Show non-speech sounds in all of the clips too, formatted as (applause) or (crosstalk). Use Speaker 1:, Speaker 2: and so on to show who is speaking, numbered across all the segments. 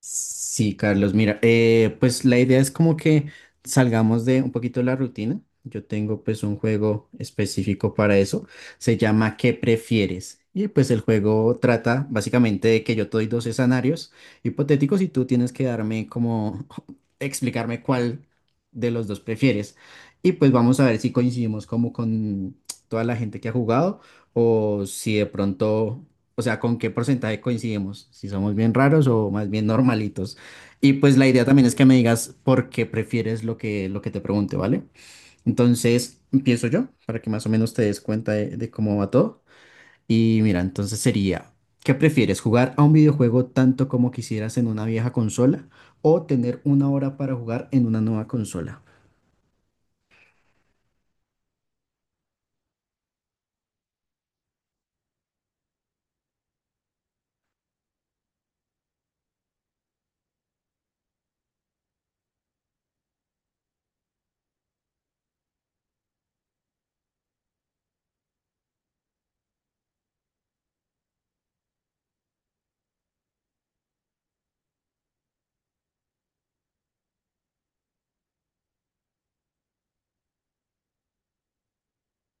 Speaker 1: Sí, Carlos, mira, pues la idea es como que salgamos de un poquito de la rutina. Yo tengo pues un juego específico para eso. Se llama ¿Qué prefieres? Y pues el juego trata básicamente de que yo te doy dos escenarios hipotéticos y tú tienes que darme como (laughs) explicarme cuál de los dos prefieres. Y pues vamos a ver si coincidimos como con toda la gente que ha jugado o si de pronto o sea, con qué porcentaje coincidimos, si somos bien raros o más bien normalitos. Y pues la idea también es que me digas por qué prefieres lo que te pregunte, ¿vale? Entonces, empiezo yo para que más o menos te des cuenta de cómo va todo. Y mira, entonces sería, ¿qué prefieres? ¿Jugar a un videojuego tanto como quisieras en una vieja consola o tener una hora para jugar en una nueva consola?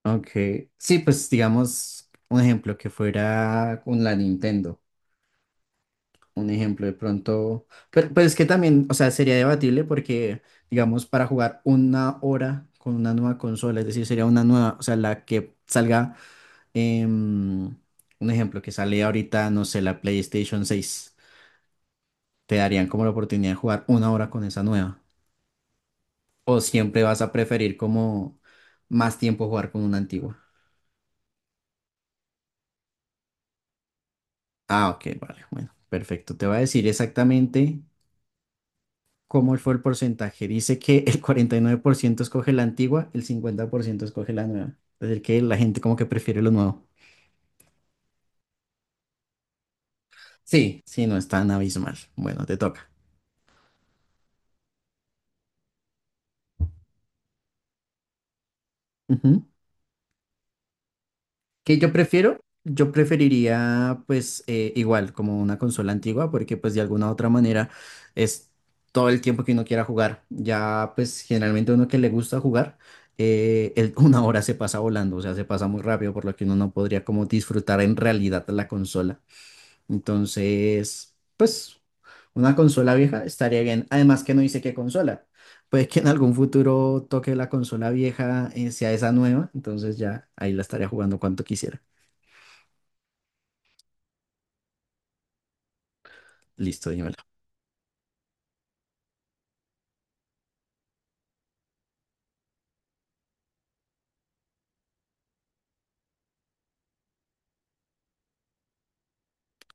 Speaker 1: Ok, sí, pues digamos un ejemplo que fuera con la Nintendo. Un ejemplo de pronto, pero es que también, o sea, sería debatible porque, digamos, para jugar una hora con una nueva consola, es decir, sería una nueva, o sea, la que salga, em, un ejemplo, que sale ahorita, no sé, la PlayStation 6, te darían como la oportunidad de jugar una hora con esa nueva. O siempre vas a preferir como más tiempo jugar con una antigua. Ah, ok, vale, bueno, perfecto. Te va a decir exactamente ¿cómo fue el porcentaje? Dice que el 49% escoge la antigua, el 50% escoge la nueva. Es decir, que la gente como que prefiere lo nuevo. Sí, sí, no es tan abismal. Bueno, te toca. Ujú. ¿Qué yo prefiero? Yo preferiría pues igual como una consola antigua porque pues de alguna u otra manera es todo el tiempo que uno quiera jugar. Ya pues generalmente uno que le gusta jugar, (laughs) una hora se pasa volando, o sea, se pasa muy rápido por lo que uno no podría como disfrutar en realidad la consola. Entonces, pues una consola vieja estaría bien. Además que no dice qué consola. Puede que en algún futuro toque la consola vieja, sea esa nueva. Entonces ya ahí la estaría jugando cuanto quisiera. Listo, dímela.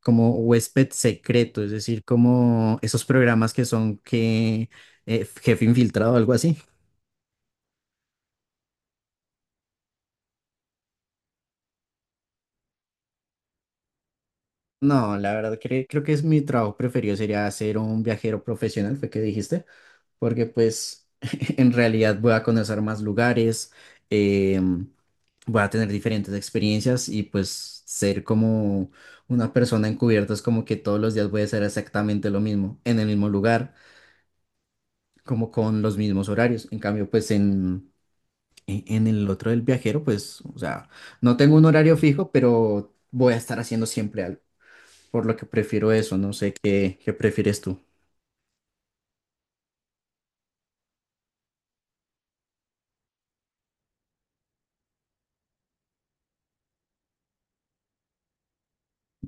Speaker 1: Como huésped secreto, es decir, como esos programas que son que jefe infiltrado o algo así. No, la verdad creo que es mi trabajo preferido sería ser un viajero profesional, fue que dijiste. Porque pues (laughs) en realidad voy a conocer más lugares, em, voy a tener diferentes experiencias y pues ser como una persona encubierta es como que todos los días voy a hacer exactamente lo mismo, en el mismo lugar, como con los mismos horarios. En cambio, pues en, en el otro del viajero, pues, o sea, no tengo un horario fijo, pero voy a estar haciendo siempre algo, por lo que prefiero eso, no sé qué, qué prefieres tú.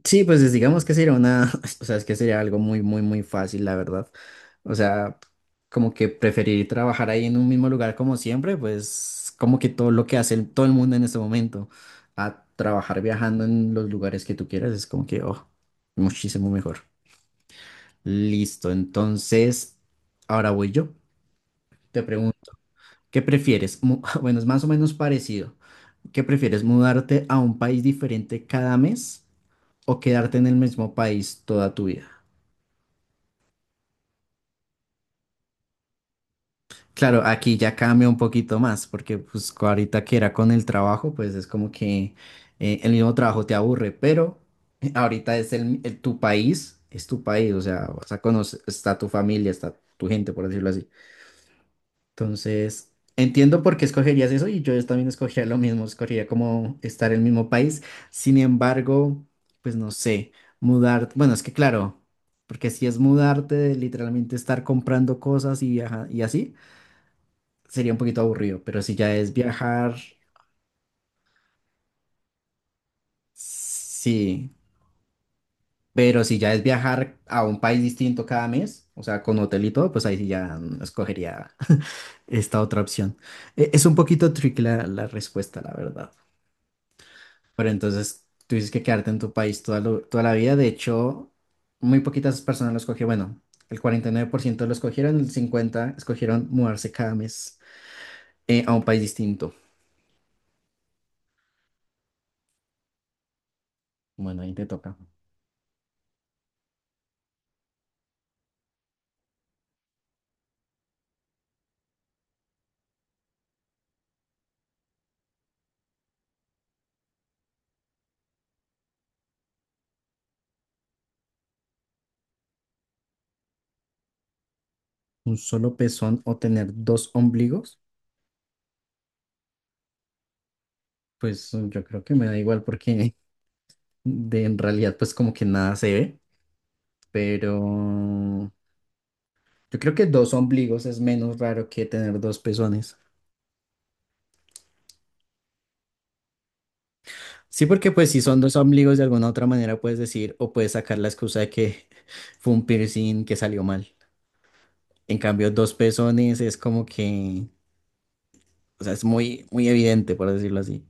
Speaker 1: Sí, pues es- digamos que sería una, (laughs) o sea, es que sería algo muy, muy, muy fácil, la verdad. O sea, como que preferir trabajar ahí en un mismo lugar como siempre, pues como que todo lo que hace el- todo el mundo en este momento, a trabajar viajando en los lugares que tú quieras, es como que, oh, muchísimo mejor. Listo, entonces, ahora voy yo. Te pregunto, ¿qué prefieres? (laughs) Bueno, es más o menos parecido. ¿Qué prefieres, mudarte a un país diferente cada mes o quedarte en el mismo país toda tu vida? Claro, aquí ya cambia un poquito más, porque pues ahorita que era con el trabajo, pues es como que el mismo trabajo te aburre, pero (laughs) ahorita es el, tu país, es tu país, o sea, vas a conocer, está tu familia, está tu gente, por decirlo así. Entonces, entiendo por qué escogerías eso y yo también escogería lo mismo, escogería como estar en el mismo país. Sin embargo, pues no sé, mudar, bueno, es que claro, porque si es mudarte de literalmente estar comprando cosas y, y así sería un poquito aburrido, pero si ya es viajar, sí. Pero si ya es viajar a un país distinto cada mes, o sea, con hotel y todo, pues ahí sí ya escogería (laughs) esta otra opción. Es un poquito tricky la respuesta, la verdad. Pero entonces tú dices que quedarte en tu país toda, toda la vida. De hecho, muy poquitas personas lo escogieron. Bueno, el 49% lo escogieron, el 50% escogieron mudarse cada mes a un país distinto. Bueno, ahí te toca. Un solo pezón o tener dos ombligos, pues yo creo que me da igual porque (laughs) de, en realidad pues como que nada se ve, pero yo creo que dos ombligos es menos raro que tener dos pezones. Sí, porque pues si son dos ombligos de alguna otra manera puedes decir o puedes sacar la excusa de que (laughs) fue un piercing que salió mal. En cambio, dos pezones es como que, o sea, es muy, muy evidente, por decirlo así.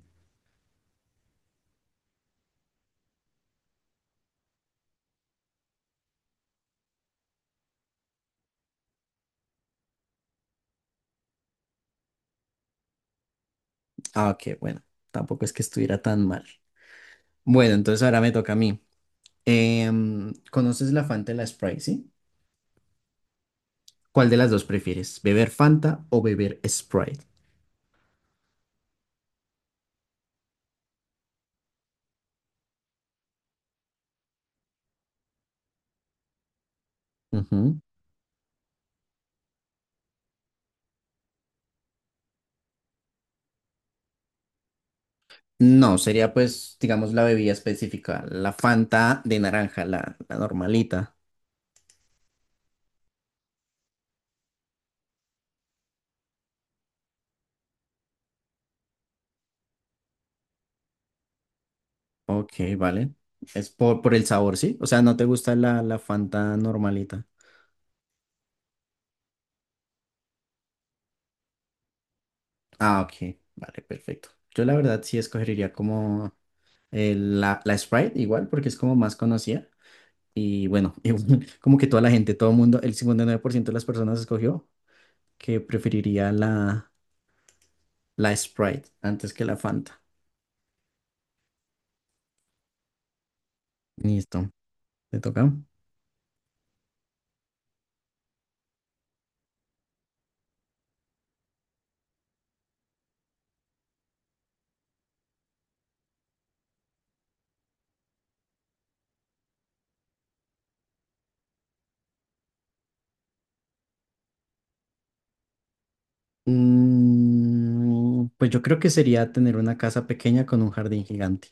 Speaker 1: Ah, ok, bueno, tampoco es que estuviera tan mal. Bueno, entonces ahora me toca a mí. ¿Conoces la Fanta y la Sprite, sí? ¿Cuál de las dos prefieres? ¿Beber Fanta o beber Sprite? Ujú. No, sería pues, digamos, la bebida específica, la Fanta de naranja, la normalita. Ok, vale. Es por el sabor, ¿sí? O sea, ¿no te gusta la Fanta normalita? Ah, ok, vale, perfecto. Yo la verdad sí escogería como la Sprite igual, porque es como más conocida. Y bueno, (laughs) igual, como que toda la gente, todo el mundo, el 59% de las personas escogió que preferiría la Sprite antes que la Fanta. Listo, ¿te toca? Mm, pues yo creo que sería tener una casa pequeña con un jardín gigante,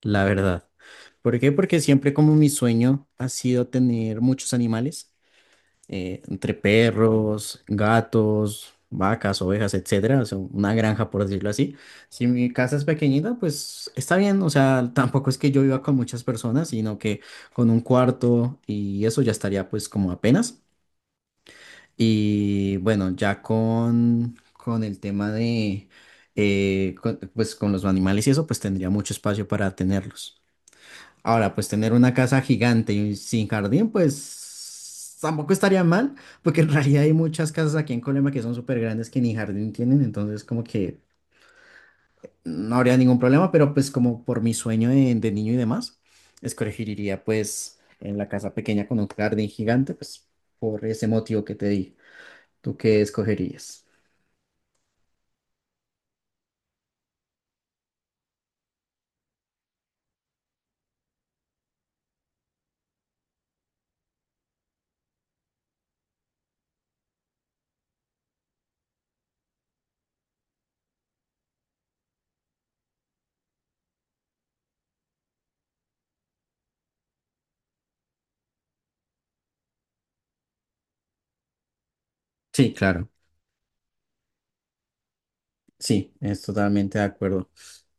Speaker 1: la verdad. ¿Por qué? Porque siempre como mi sueño ha sido tener muchos animales. Entre perros, gatos, vacas, ovejas, etcétera, o sea, una granja por decirlo así. Si mi casa es pequeñita, pues está bien, o sea, tampoco es que yo viva con muchas personas, sino que con un cuarto y eso ya estaría pues como apenas. Y bueno, ya con el tema de, pues con los animales y eso, pues tendría mucho espacio para tenerlos. Ahora, pues tener una casa gigante y sin jardín, pues tampoco estaría mal, porque en (laughs) realidad hay muchas casas aquí en Colombia que son súper grandes que ni jardín tienen, entonces como que no habría ningún problema, pero pues como por mi sueño de niño y demás, escogería pues en la casa pequeña con un jardín gigante, pues por ese motivo que te di. ¿Tú qué escogerías? Sí, claro. Sí, es totalmente de acuerdo.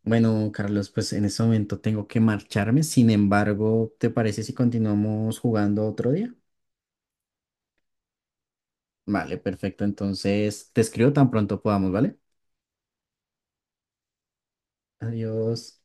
Speaker 1: Bueno, Carlos, pues en este momento tengo que marcharme. Sin embargo, ¿te parece si continuamos jugando otro día? Vale, perfecto. Entonces, te escribo tan pronto podamos, ¿vale? Adiós.